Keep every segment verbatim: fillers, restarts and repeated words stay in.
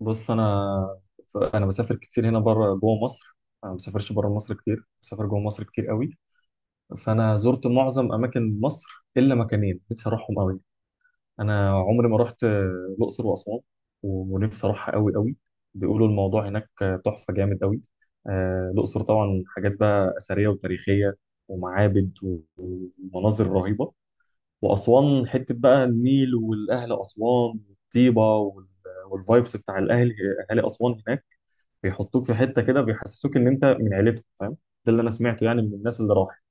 بص، انا ف- انا بسافر كتير هنا بره جوه مصر. انا ما بسافرش بره مصر كتير، بسافر جوه مصر كتير قوي. فانا زرت معظم اماكن مصر الا مكانين نفسي اروحهم قوي. انا عمري ما رحت آه، الاقصر واسوان، ونفسي اروحها قوي قوي. بيقولوا الموضوع هناك آه، تحفه جامد قوي. آه، الاقصر طبعا حاجات بقى اثريه وتاريخيه، ومعابد و- ومناظر رهيبه. واسوان حته بقى النيل، والاهل اسوان والطيبه، وال- والفايبس بتاع الاهل، اهالي اسوان هناك، بيحطوك في حته كده بيحسسوك ان انت من عيلتهم، فاهم؟ ده اللي انا سمعته يعني من الناس اللي راحت.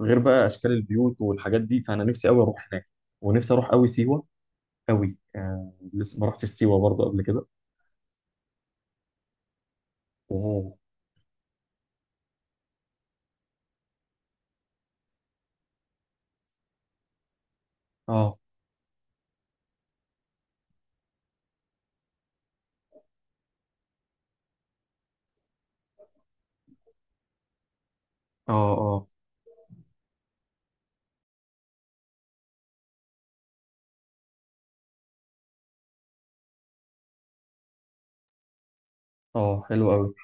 غير بقى اشكال البيوت والحاجات دي، فانا نفسي قوي اروح هناك. ونفسي اروح قوي سيوه قوي، آه لسه ما رحتش سيوه برضه قبل كده. اوه. اه، اه، اه، اه. حلو قوي.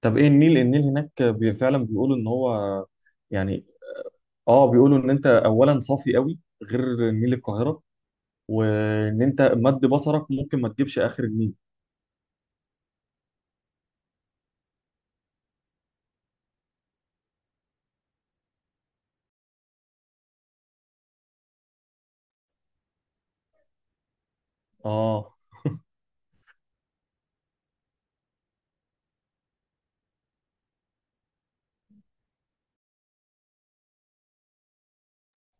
طب ايه النيل؟ النيل هناك بي- فعلا بيقولوا ان هو، يعني، اه، بيقولوا ان انت اولا صافي قوي غير نيل القاهره، وان انت مد بصرك ممكن ما تجيبش اخر النيل. اه.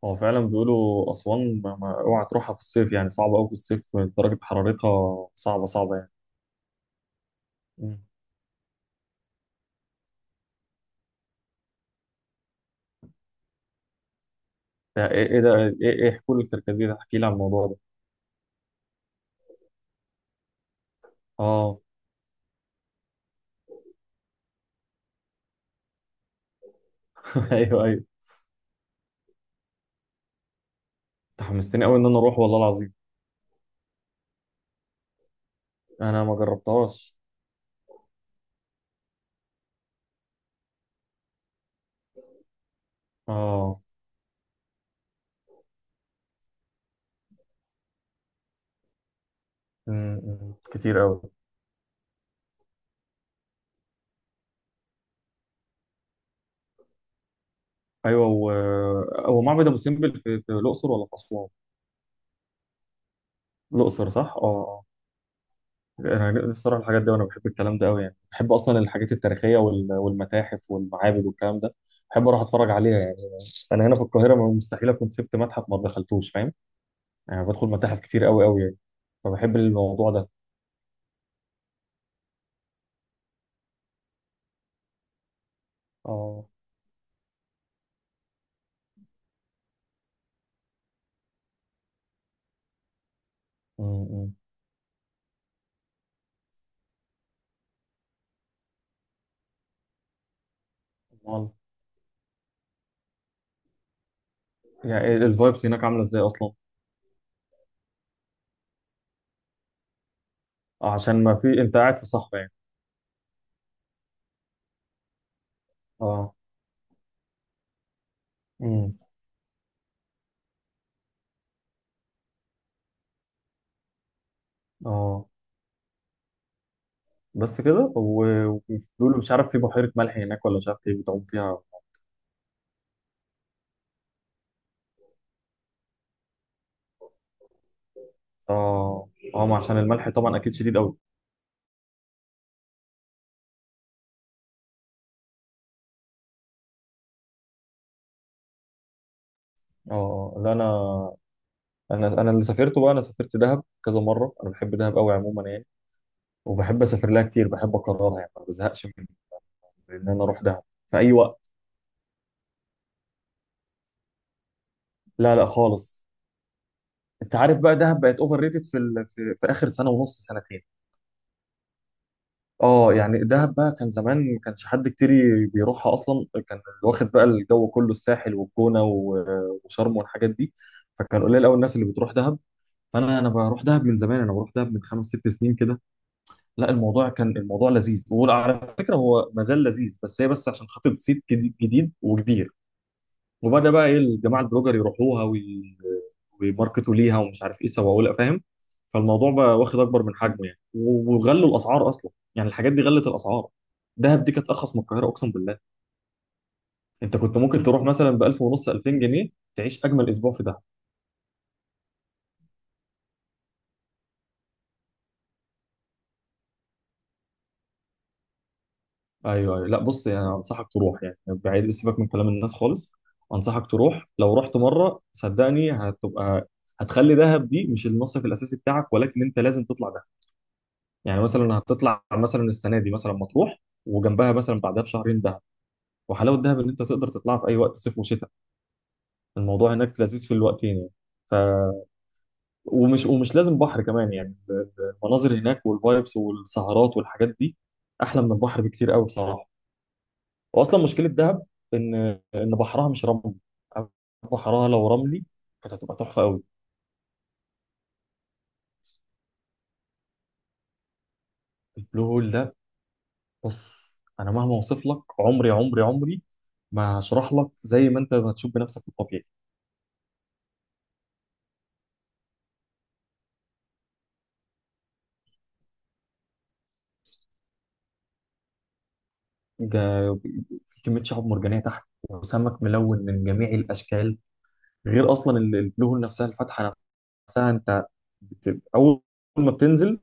هو فعلا بيقولوا أسوان ما ما اوعى تروحها في الصيف، يعني صعبة أوي في الصيف، درجة حرارتها صعبة صعبة يعني. مم. ده إيه إيه ده إيه إيه حلول الكركديه ده؟ احكي لي عن الموضوع ده. آه. أيوه، أيوه. أنت حمستني أوي إن أنا أروح، والله العظيم. أنا ما جربتهاش. آه. مم، مم. كتير أوي. أيوه و... هو معبد أبو سمبل في... في الأقصر ولا في أسوان؟ الأقصر، صح؟ آه، آه. أنا نفسي أروح الحاجات دي، وأنا بحب الكلام ده أوي، يعني بحب أصلا الحاجات التاريخية وال... والمتاحف والمعابد والكلام ده، بحب أروح أتفرج عليها. انا هنا في القاهره، ما مستحيل اكون سبت متحف ما دخلتوش، فاهم؟ يعني بدخل متاحف كتير قوي قوي يعني. فبحب الموضوع ده. اه. امم. امال؟ يعني الفايبس هناك عامله ازاي اصلا؟ آه، عشان ما في، انت قاعد في صحراء يعني. اه. امم. اه. بس كده، و- وبيقولوا مش عارف في بحيره ملح هناك، ولا مش عارف ايه، بتعوم فيها. اه. اه، ما عشان الملح طبعا اكيد شديد قوي. اه. آه. لا، انا، انا انا اللي سافرته بقى. انا سافرت دهب كذا مره، انا بحب دهب قوي عموما يعني، وبحب اسافر لها كتير، بحب اكررها يعني ما بزهقش. ان انا اروح دهب في اي وقت. لا، لا، خالص. انت عارف بقى دهب بقت اوفر ريتد في, ال... في في اخر سنه ونص سنتين. اه، يعني دهب بقى كان زمان ما كانش حد كتير ي- بيروحها اصلا، كان اللي واخد بقى الجو كله الساحل والجونه و- وشرم والحاجات دي، فكان قليل قوي الناس اللي بتروح دهب. فانا انا بروح دهب من زمان، انا بروح دهب من خمس ست سنين كده. لا الموضوع، كان الموضوع لذيذ، وعلى فكره هو ما زال لذيذ، بس هي بس عشان خاطر صيت جديد جديد وكبير، وبدا بقى ايه الجماعه البلوجر يروحوها وي- ويماركتوا ليها ومش عارف ايه سووا لها، فاهم؟ فالموضوع بقى واخد اكبر من حجمه يعني، و- وغلوا الاسعار اصلا، يعني الحاجات دي غلت الاسعار. دهب دي كانت ارخص من القاهره، اقسم بالله. انت كنت ممكن تروح مثلا ب ألف ونص، ألفين جنيه، تعيش اجمل اسبوع في دهب. ايوه، ايوه. لا بص، يعني انصحك تروح، يعني بعيد سيبك من كلام الناس خالص. انصحك تروح، لو رحت مره صدقني هتبقى، هتخلي دهب دي مش المصيف الاساسي بتاعك، ولكن انت لازم تطلع دهب. يعني مثلا هتطلع مثلا السنه دي مثلا مطروح، وجنبها مثلا بعدها بشهرين دهب. وحلاوه دهب ان انت تقدر تطلعها في اي وقت، صيف وشتاء. الموضوع هناك لذيذ في الوقتين يعني. ف ومش ومش لازم بحر كمان يعني. المناظر هناك والفايبس والسهرات والحاجات دي احلى من البحر بكتير قوي بصراحه. واصلا مشكله دهب، ان، ان بحرها مش رملي. بحرها لو رملي كانت هتبقى تحفه قوي. البلو هول ده، بص، انا مهما اوصف لك عمري عمري عمري ما هشرح لك، زي ما انت هتشوف بنفسك في الطبيعي. جا- في كمية شعاب مرجانية تحت وسمك ملون من جميع الأشكال، غير أصلا ال- البلوهول نفسها، الفتحة نفسها. أنت بت... أول ما بتنزل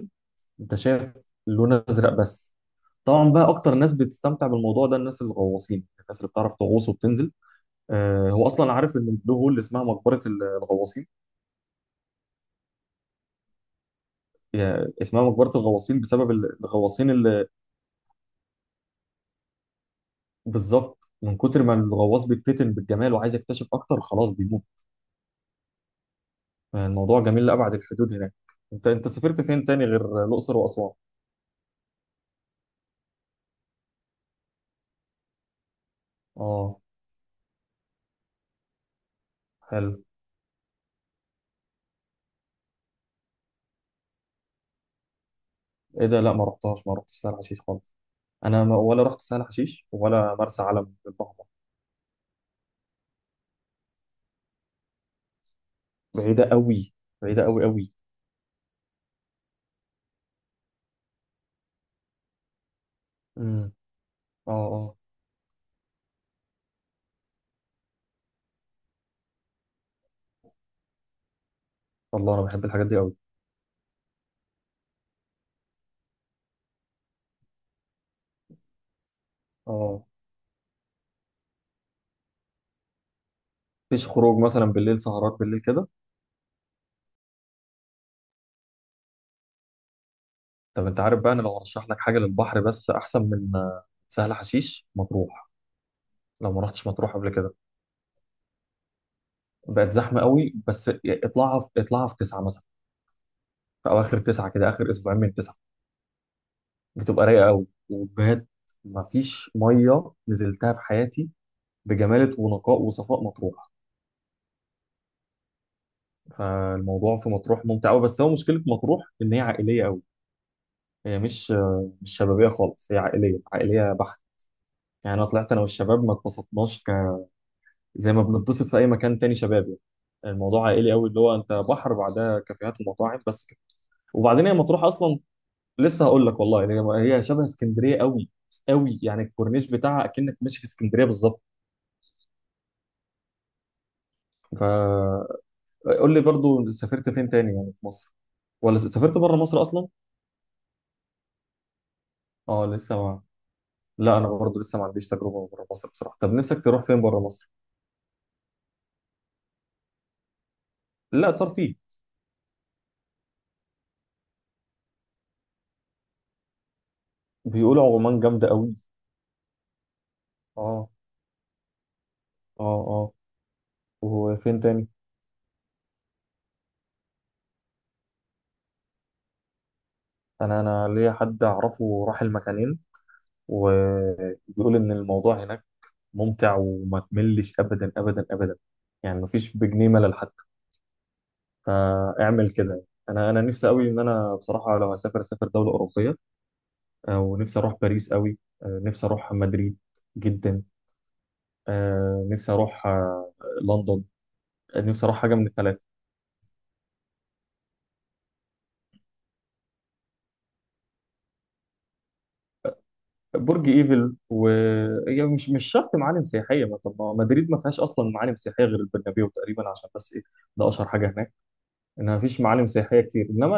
أنت شايف لون أزرق بس. طبعا بقى أكتر ناس بتستمتع بالموضوع ده الناس الغواصين، الناس اللي بتعرف تغوص وبتنزل. آه هو أصلا عارف إن البلو هول اسمها مقبرة ال- الغواصين. يعني اسمها مقبرة الغواصين بسبب ال- الغواصين اللي، بالظبط، من كتر ما الغواص بيتفتن بالجمال وعايز يكتشف أكتر خلاص بيموت. الموضوع جميل لأبعد الحدود هناك. انت انت سافرت فين تاني غير الأقصر وأسوان؟ اه. حلو. ايه ده؟ لا ما رحتهاش ما رحتش سهل حشيش خالص. انا ما ولا رحت سهل حشيش ولا مرسى علم بالبحر. بعيدة قوي. بعيدة قوي قوي. امم. اه، اه. والله انا بحب الحاجات دي قوي. اه. مفيش خروج مثلا بالليل، سهرات بالليل كده؟ طب انت عارف بقى، انا لو هرشح لك حاجة للبحر بس احسن من آه، سهل حشيش، مطروح، لو ما رحتش مطروح قبل كده. بقت زحمة قوي بس، اطلعها في، اطلعها في تسعة مثلا، في اواخر تسعه كده، اخر اسبوعين من تسعه، بتبقى رايقه قوي وبجد. مفيش ميه نزلتها في حياتي بجماله ونقاء وصفاء مطروح. فالموضوع في مطروح ممتع قوي، بس هو مشكله مطروح ان هي عائليه قوي. هي مش، مش شبابيه خالص، هي عائليه عائليه بحت. يعني انا طلعت انا والشباب ما اتبسطناش ك... زي ما بنتبسط في اي مكان تاني شبابي. الموضوع عائلي قوي، اللي هو انت بحر بعدها كافيهات ومطاعم بس كده. وبعدين هي مطروح اصلا، لسه هقول لك والله، يعني هي شبه اسكندريه قوي قوي، يعني الكورنيش بتاعها اكنك ماشي في اسكندريه بالظبط. فقول لي برضو، سافرت فين تاني يعني في مصر، ولا سافرت بره مصر اصلا؟ اه لسه ما. لا، انا برضو لسه ما عنديش تجربه بره مصر بصراحه. طب نفسك تروح فين بره مصر؟ لا، ترفيه. بيقولوا عمان جامده قوي. اه، اه، اه. وفين تاني؟ انا انا ليا حد اعرفه راح المكانين، وبيقول ان الموضوع هناك ممتع وما تملش ابدا، ابدا، ابدا. يعني مفيش بجنيه ملل. فاعمل كده. انا انا نفسي قوي، ان انا بصراحه لو هسافر اسافر دوله اوروبيه. آه، ونفسي اروح باريس قوي. آه، نفسي اروح مدريد جدا. آه، نفسي اروح آه، لندن. آه، نفسي اروح حاجه من الثلاثه. برج ايفل و هي مش، مش شرط معالم سياحيه، ما طب ما مدريد ما فيهاش اصلا معالم سياحيه غير البرنابيو تقريبا، عشان بس ايه، ده اشهر حاجه هناك. انها ما فيش معالم سياحيه كتير، انما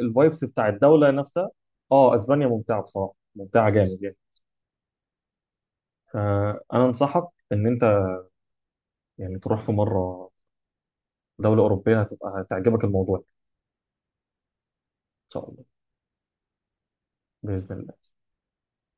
الفايبس بتاع الدوله نفسها. اه اسبانيا ممتعه بصراحه، ممتعه جامد يعني. فانا انصحك ان انت، يعني، تروح في مرة دولة أوروبية هتبقى هتعجبك الموضوع. إن شاء الله. بإذن الله.